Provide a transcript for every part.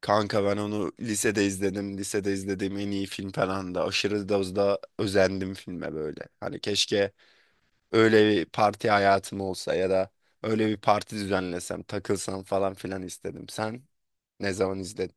Kanka ben onu lisede izledim. Lisede izlediğim en iyi film falan da aşırı dozda özendim filme böyle. Hani keşke öyle bir parti hayatım olsa ya da öyle bir parti düzenlesem, takılsam falan filan istedim. Sen ne zaman izledin?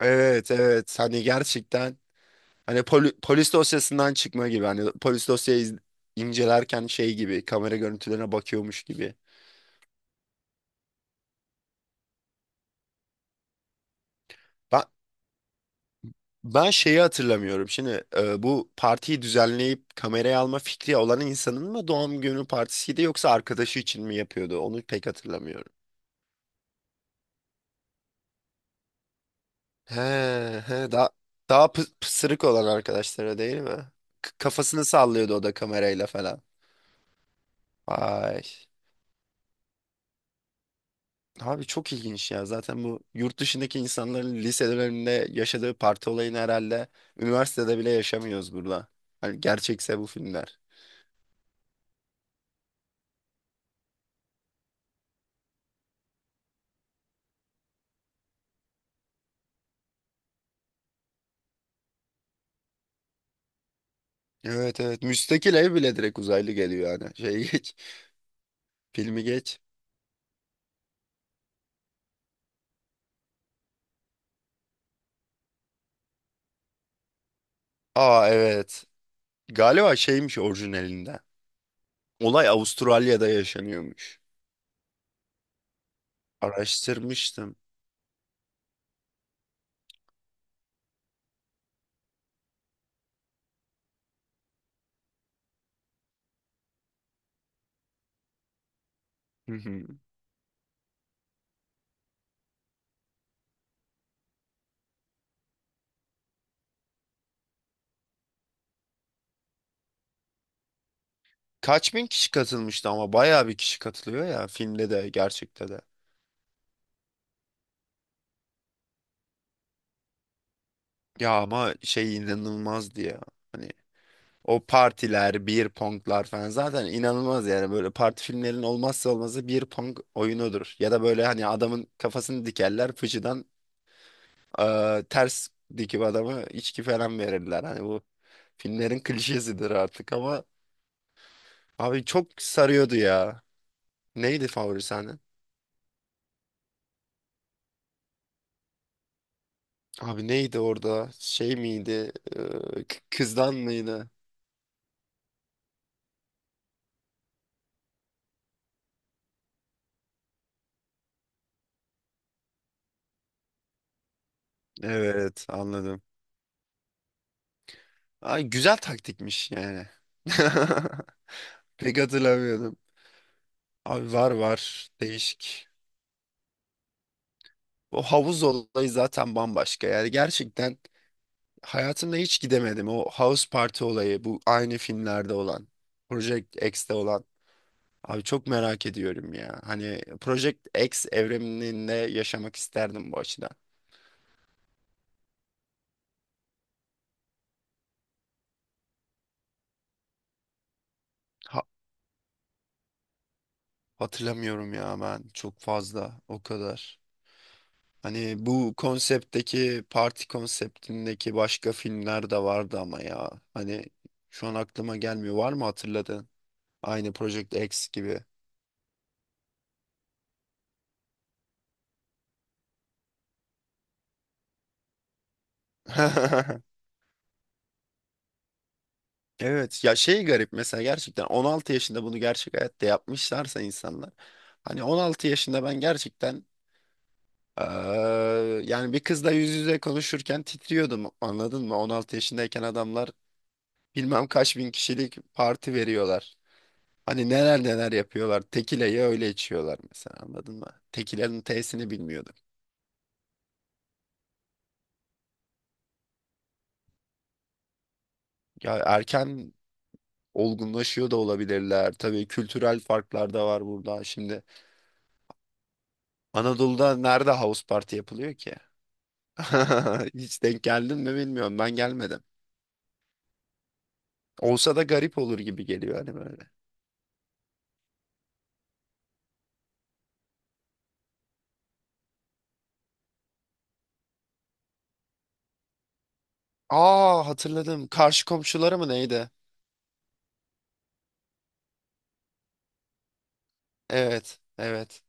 Evet, evet, hani gerçekten hani polis dosyasından çıkma gibi hani polis dosyayı incelerken şey gibi kamera görüntülerine bakıyormuş gibi. Ben Ben şeyi hatırlamıyorum. Şimdi bu partiyi düzenleyip kameraya alma fikri olan insanın mı doğum günü partisiydi yoksa arkadaşı için mi yapıyordu? Onu pek hatırlamıyorum. He, he, daha pısırık olan arkadaşlara değil mi? Kafasını sallıyordu o da kamerayla falan. Ay. Abi çok ilginç ya. Zaten bu yurt dışındaki insanların liselerinde yaşadığı parti olayını herhalde üniversitede bile yaşamıyoruz burada. Hani gerçekse bu filmler. Evet, evet. Müstakil ev bile direkt uzaylı geliyor yani. Şey geç. Filmi geç. Aa, evet. Galiba şeymiş orijinalinde. Olay Avustralya'da yaşanıyormuş. Araştırmıştım. Hı hı. Kaç bin kişi katılmıştı ama bayağı bir kişi katılıyor ya, filmde de gerçekte de. Ya ama şey inanılmazdı ya. Hani o partiler, beer ponglar falan zaten inanılmaz yani böyle parti filmlerinin olmazsa olmazı beer pong oyunudur. Ya da böyle hani adamın kafasını dikerler fıçıdan. Aa, ters dikip adama içki falan verirler. Hani bu filmlerin klişesidir artık ama abi çok sarıyordu ya. Neydi favori sahnen? Abi neydi orada? Şey miydi? Kızdan mıydı? Evet, anladım. Ay güzel taktikmiş yani. Pek hatırlamıyordum. Abi var var değişik. O havuz olayı zaten bambaşka yani gerçekten. Hayatımda hiç gidemedim. O House Party olayı bu aynı filmlerde olan. Project X'te olan. Abi çok merak ediyorum ya. Hani Project X evreninde yaşamak isterdim bu açıdan. Ha- hatırlamıyorum ya ben çok fazla o kadar. Hani bu konseptteki parti konseptindeki başka filmler de vardı ama ya. Hani şu an aklıma gelmiyor. Var mı hatırladın? Aynı Project X gibi. Evet ya şey garip mesela gerçekten 16 yaşında bunu gerçek hayatta yapmışlarsa insanlar, hani 16 yaşında ben gerçekten eee, yani bir kızla yüz yüze konuşurken titriyordum, anladın mı? 16 yaşındayken adamlar bilmem kaç bin kişilik parti veriyorlar. Hani neler neler yapıyorlar. Tekileyi öyle içiyorlar mesela, anladın mı? Tekilerin T'sini bilmiyordum. Ya erken olgunlaşıyor da olabilirler. Tabii kültürel farklar da var burada. Şimdi Anadolu'da nerede house party yapılıyor ki? Hiç denk geldin mi bilmiyorum. Ben gelmedim. Olsa da garip olur gibi geliyor hani böyle. Aa, hatırladım. Karşı komşuları mı neydi? Evet, evet.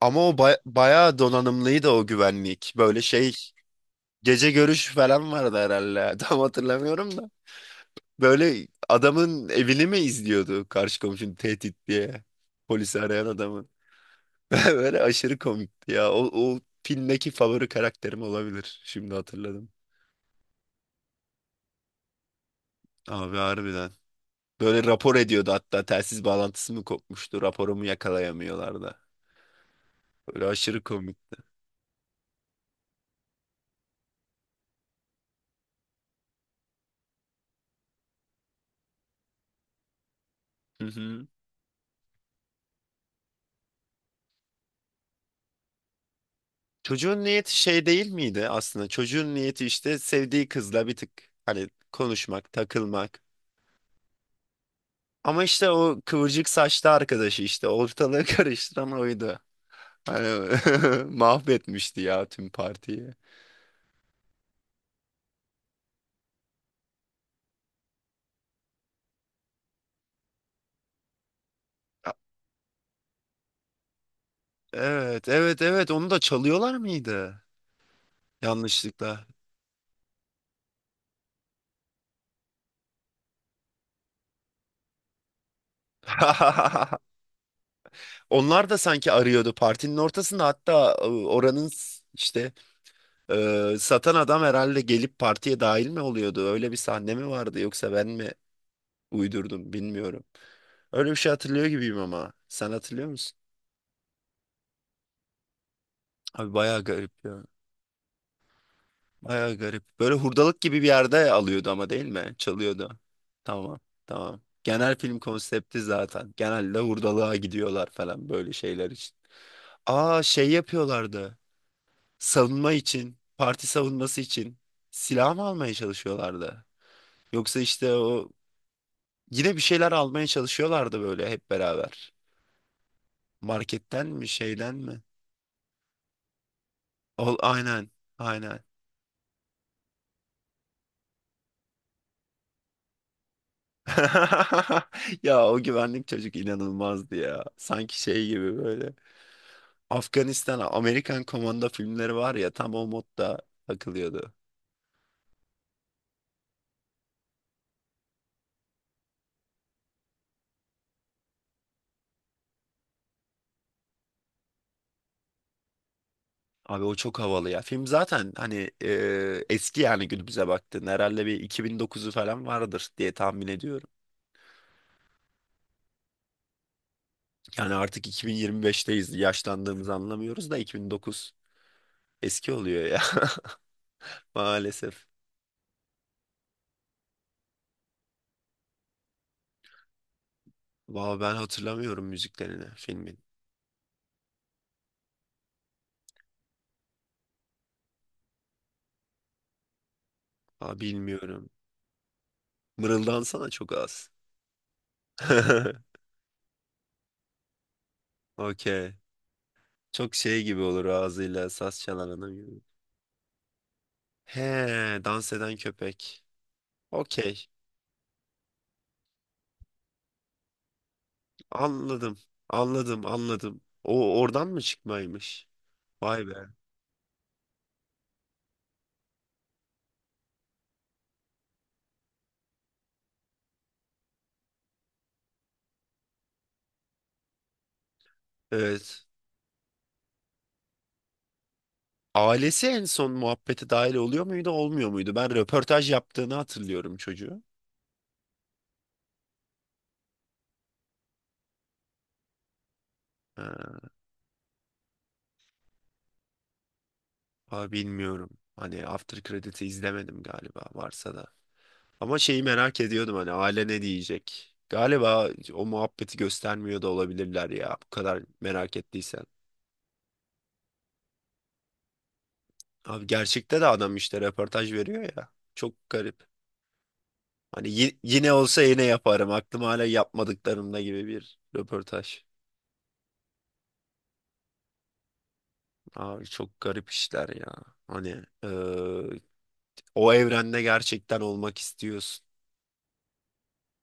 Ama o bayağı donanımlıydı o güvenlik. Böyle şey, gece görüş falan vardı herhalde. Tam hatırlamıyorum da. Böyle adamın evini mi izliyordu, karşı komşunun tehdit diye. Polisi arayan adamın. Böyle aşırı komikti ya. O filmdeki favori karakterim olabilir. Şimdi hatırladım. Abi harbiden. Böyle rapor ediyordu hatta, telsiz bağlantısı mı kopmuştu, raporumu yakalayamıyorlardı. Böyle aşırı komik. Hı hı. Çocuğun niyeti şey değil miydi aslında? Çocuğun niyeti işte sevdiği kızla bir tık hani konuşmak, takılmak. Ama işte o kıvırcık saçlı arkadaşı işte ortalığı karıştıran oydu. Hani mahvetmişti ya tüm partiyi. Evet, evet, evet. Onu da çalıyorlar mıydı? Yanlışlıkla. Onlar da sanki arıyordu partinin ortasında hatta, oranın işte satan adam herhalde gelip partiye dahil mi oluyordu? Öyle bir sahne mi vardı yoksa ben mi uydurdum bilmiyorum. Öyle bir şey hatırlıyor gibiyim ama sen hatırlıyor musun? Abi bayağı garip ya. Bayağı garip. Böyle hurdalık gibi bir yerde alıyordu ama değil mi? Çalıyordu. Tamam, tamam. Genel film konsepti zaten. Genelde hurdalığa gidiyorlar falan böyle şeyler için. Aa, şey yapıyorlardı. Savunma için, parti savunması için silah mı almaya çalışıyorlardı? Yoksa işte o yine bir şeyler almaya çalışıyorlardı böyle hep beraber. Marketten mi şeyden mi? Ol, aynen, aynen. Ya o güvenlik çocuk inanılmazdı ya. Sanki şey gibi böyle. Afganistan, Amerikan Komando filmleri var ya, tam o modda takılıyordu. Abi o çok havalı ya. Film zaten hani eski, yani günümüze baktığında herhalde bir 2009'u falan vardır diye tahmin ediyorum. Yani artık 2025'teyiz. Yaşlandığımızı anlamıyoruz da 2009 eski oluyor ya maalesef. Valla ben hatırlamıyorum müziklerini filmin. Aa, bilmiyorum. Mırıldansana çok az. Okey. Çok şey gibi olur, ağzıyla saz çalan adam gibi. He, dans eden köpek. Okey. Anladım. Anladım, anladım. O oradan mı çıkmaymış? Vay be. Evet. Ailesi en son muhabbete dahil oluyor muydu, olmuyor muydu? Ben röportaj yaptığını hatırlıyorum çocuğu. Ha, ama bilmiyorum. Hani After Credit'i izlemedim galiba varsa da. Ama şeyi merak ediyordum, hani aile ne diyecek? Galiba o muhabbeti göstermiyor da olabilirler ya bu kadar merak ettiysen. Abi gerçekte de adam işte röportaj veriyor ya. Çok garip. Hani yine olsa yine yaparım. Aklım hala yapmadıklarımda gibi bir röportaj. Abi çok garip işler ya. Hani O evrende gerçekten olmak istiyorsun.